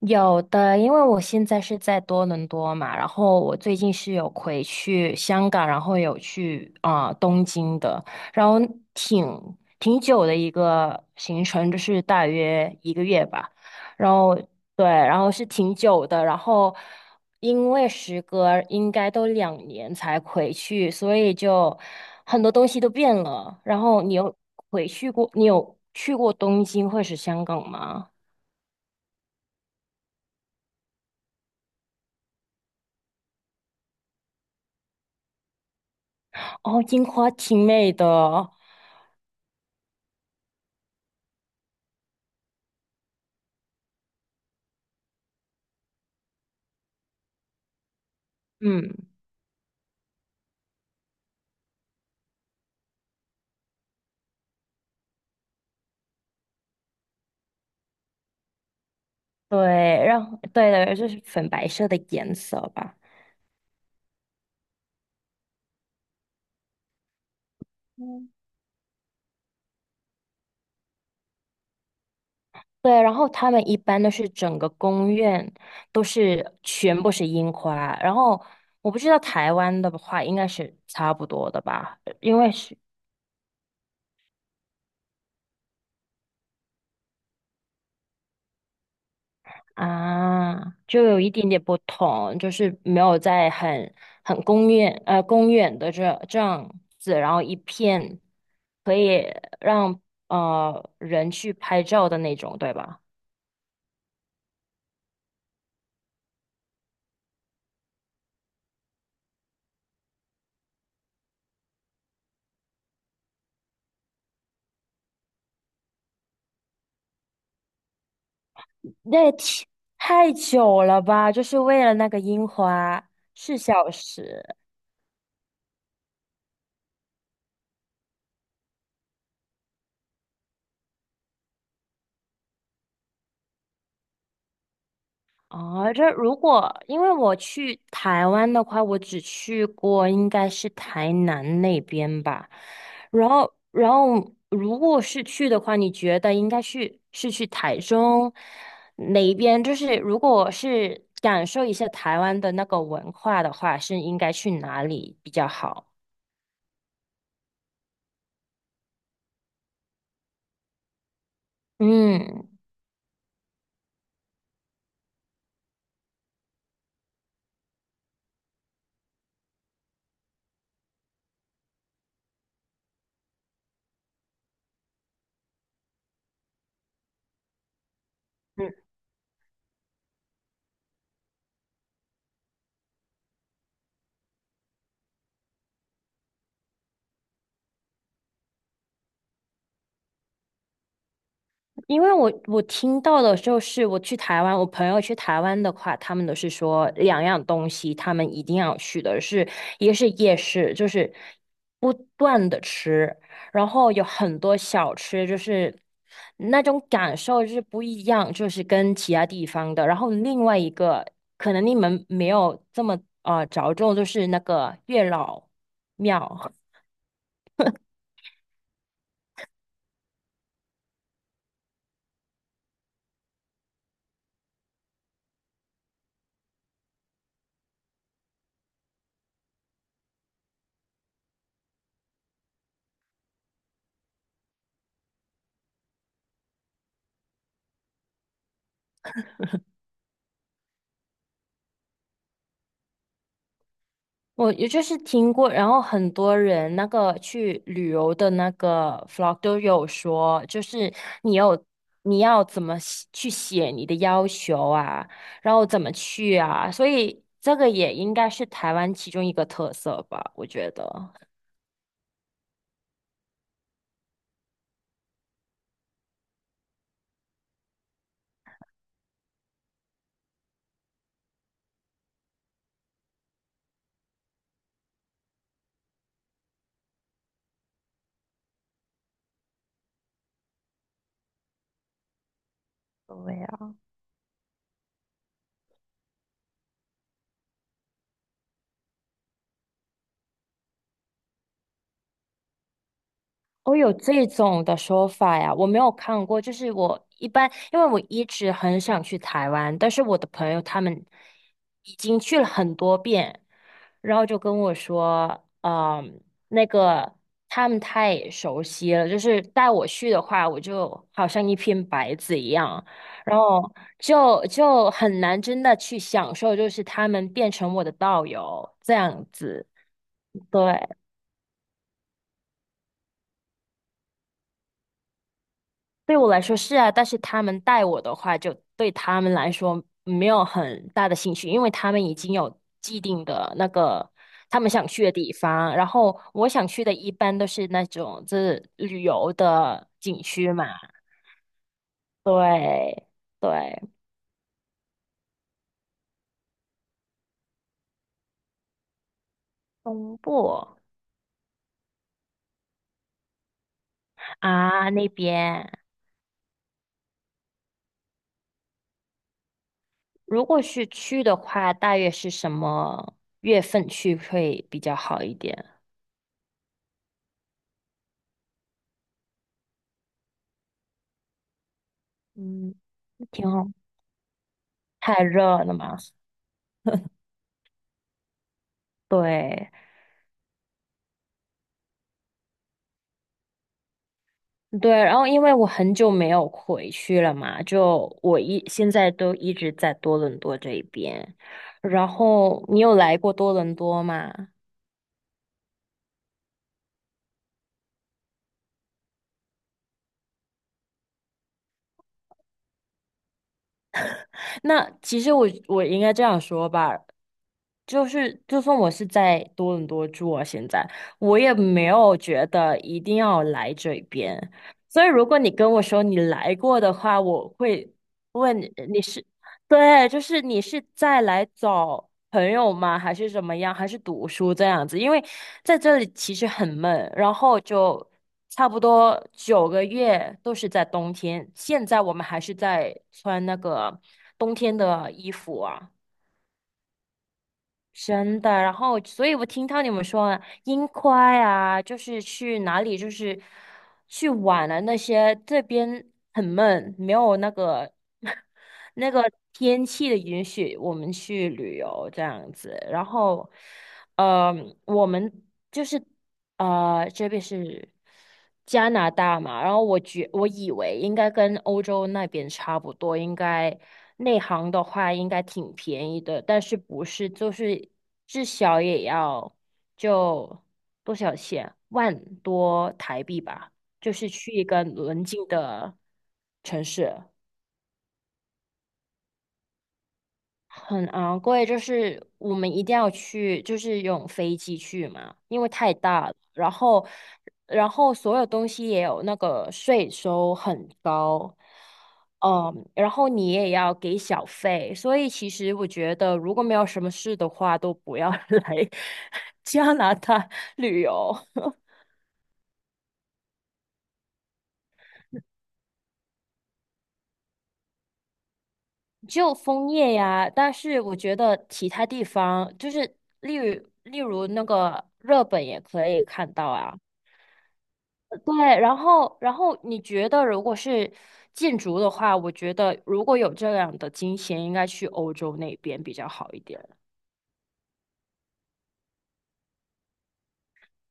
有的，因为我现在是在多伦多嘛，然后我最近是有回去香港，然后有去啊、东京的，然后挺挺久的一个行程，就是大约一个月吧，然后对，然后是挺久的，然后因为时隔应该都两年才回去，所以就很多东西都变了。然后你有回去过，你有去过东京或是香港吗？哦，樱花挺美的。嗯，对，然后对的，就是粉白色的颜色吧。嗯，对，然后他们一般都是整个公园都是全部是樱花，然后我不知道台湾的话应该是差不多的吧，因为是啊，就有一点点不同，就是没有在很很公园的这样子，然后一片可以让人去拍照的那种，对吧？那也挺太久了吧，就是为了那个樱花，四小时。哦，这如果因为我去台湾的话，我只去过应该是台南那边吧。然后，然后如果是去的话，你觉得应该去是去台中哪一边？就是如果是感受一下台湾的那个文化的话，是应该去哪里比较好？嗯。因为我听到的就是我去台湾，我朋友去台湾的话，他们都是说两样东西，他们一定要去的是，一个是夜市，就是不断的吃，然后有很多小吃，就是那种感受就是不一样，就是跟其他地方的。然后另外一个可能你们没有这么着重，就是那个月老庙。我也就是听过，然后很多人那个去旅游的那个 vlog 都有说，就是你有你要怎么写去写你的要求啊，然后怎么去啊，所以这个也应该是台湾其中一个特色吧，我觉得。对我有这种的说法呀，我没有看过。就是我一般，因为我一直很想去台湾，但是我的朋友他们已经去了很多遍，然后就跟我说，嗯，那个他们太熟悉了，就是带我去的话，我就好像一片白纸一样，然后就很难真的去享受，就是他们变成我的导游这样子，对。对我来说是啊，但是他们带我的话，就对他们来说没有很大的兴趣，因为他们已经有既定的那个他们想去的地方，然后我想去的一般都是那种就是旅游的景区嘛，对对，东部啊那边，如果是去的话，大约是什么月份去会比较好一点？嗯，挺好，太热了嘛，对。对，然后因为我很久没有回去了嘛，就我一现在都一直在多伦多这一边。然后你有来过多伦多吗？那其实我应该这样说吧，就是就算我是在多伦多住啊，现在我也没有觉得一定要来这边。所以如果你跟我说你来过的话，我会问你你是，对，就是你是在来找朋友吗？还是怎么样？还是读书这样子？因为在这里其实很闷，然后就差不多九个月都是在冬天。现在我们还是在穿那个冬天的衣服啊。真的，然后，所以我听到你们说樱花啊，就是去哪里，就是去玩了那些，这边很闷，没有那个 那个天气的允许，我们去旅游这样子。然后，呃，我们就是。这边是加拿大嘛，然后我觉我以为应该跟欧洲那边差不多，应该内行的话应该挺便宜的，但是不是就是至少也要就多少钱，万多台币吧，就是去一个邻近的城市。很昂贵，就是我们一定要去，就是用飞机去嘛，因为太大了。然后，然后所有东西也有那个税收很高，嗯，然后你也要给小费，所以其实我觉得，如果没有什么事的话，都不要 来加拿大旅游。就枫叶呀，但是我觉得其他地方，就是例如那个日本也可以看到啊。对，然后，然后你觉得如果是建筑的话，我觉得如果有这样的金钱，应该去欧洲那边比较好一点。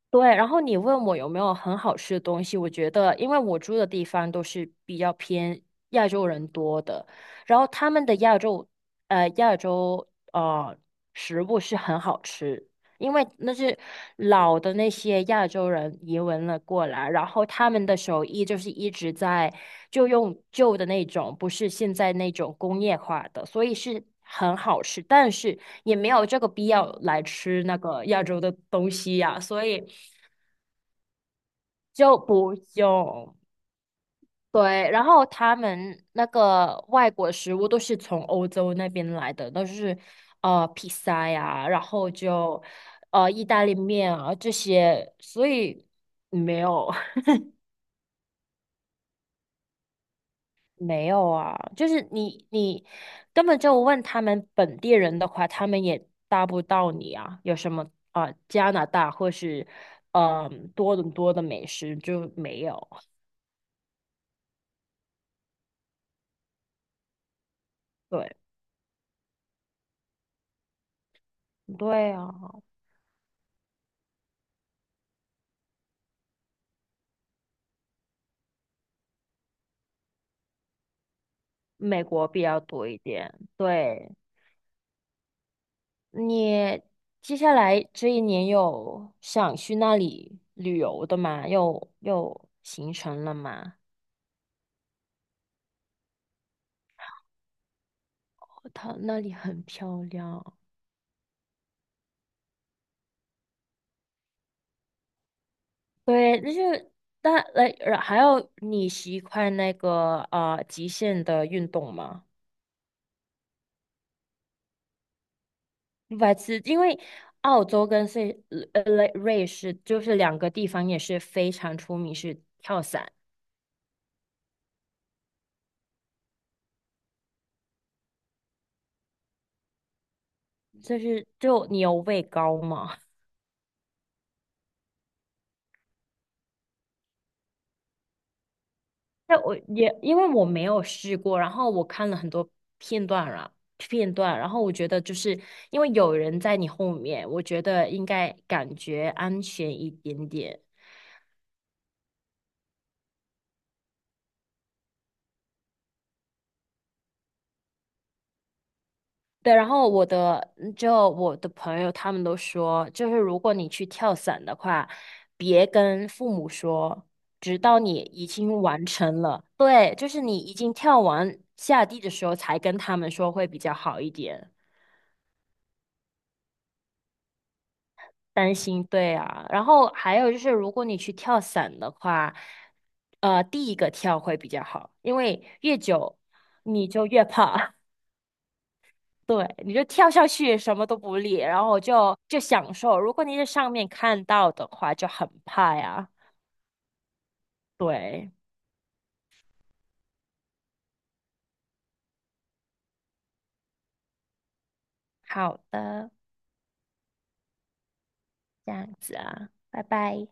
对，然后你问我有没有很好吃的东西，我觉得，因为我住的地方都是比较偏亚洲人多的，然后他们的亚洲，亚洲食物是很好吃，因为那是老的那些亚洲人移民了过来，然后他们的手艺就是一直在就用旧的那种，不是现在那种工业化的，所以是很好吃，但是也没有这个必要来吃那个亚洲的东西呀、所以。就不用。对，然后他们那个外国食物都是从欧洲那边来的，都是披萨呀，然后就意大利面啊这些，所以没有 没有啊，就是你根本就问他们本地人的话，他们也答不到你啊，有什么啊、加拿大或是嗯、多伦多的美食就没有，对对啊。美国比较多一点。对，你接下来这一年有想去那里旅游的吗？有有行程了吗？哦，它那里很漂亮。对，那就是但来，还有你习惯那个极限的运动吗？白痴，因为澳洲跟瑞士就是两个地方也是非常出名是跳伞，就是就你有畏高吗？那我也因为我没有试过，然后我看了很多片段了片段，然后我觉得就是因为有人在你后面，我觉得应该感觉安全一点点。对，然后我的嗯就我的朋友他们都说，就是如果你去跳伞的话，别跟父母说，直到你已经完成了，对，就是你已经跳完下地的时候才跟他们说会比较好一点。担心，对啊。然后还有就是，如果你去跳伞的话，第一个跳会比较好，因为越久你就越怕，对，你就跳下去什么都不理，然后就享受。如果你在上面看到的话，就很怕呀。对，好的，这样子啊，拜拜。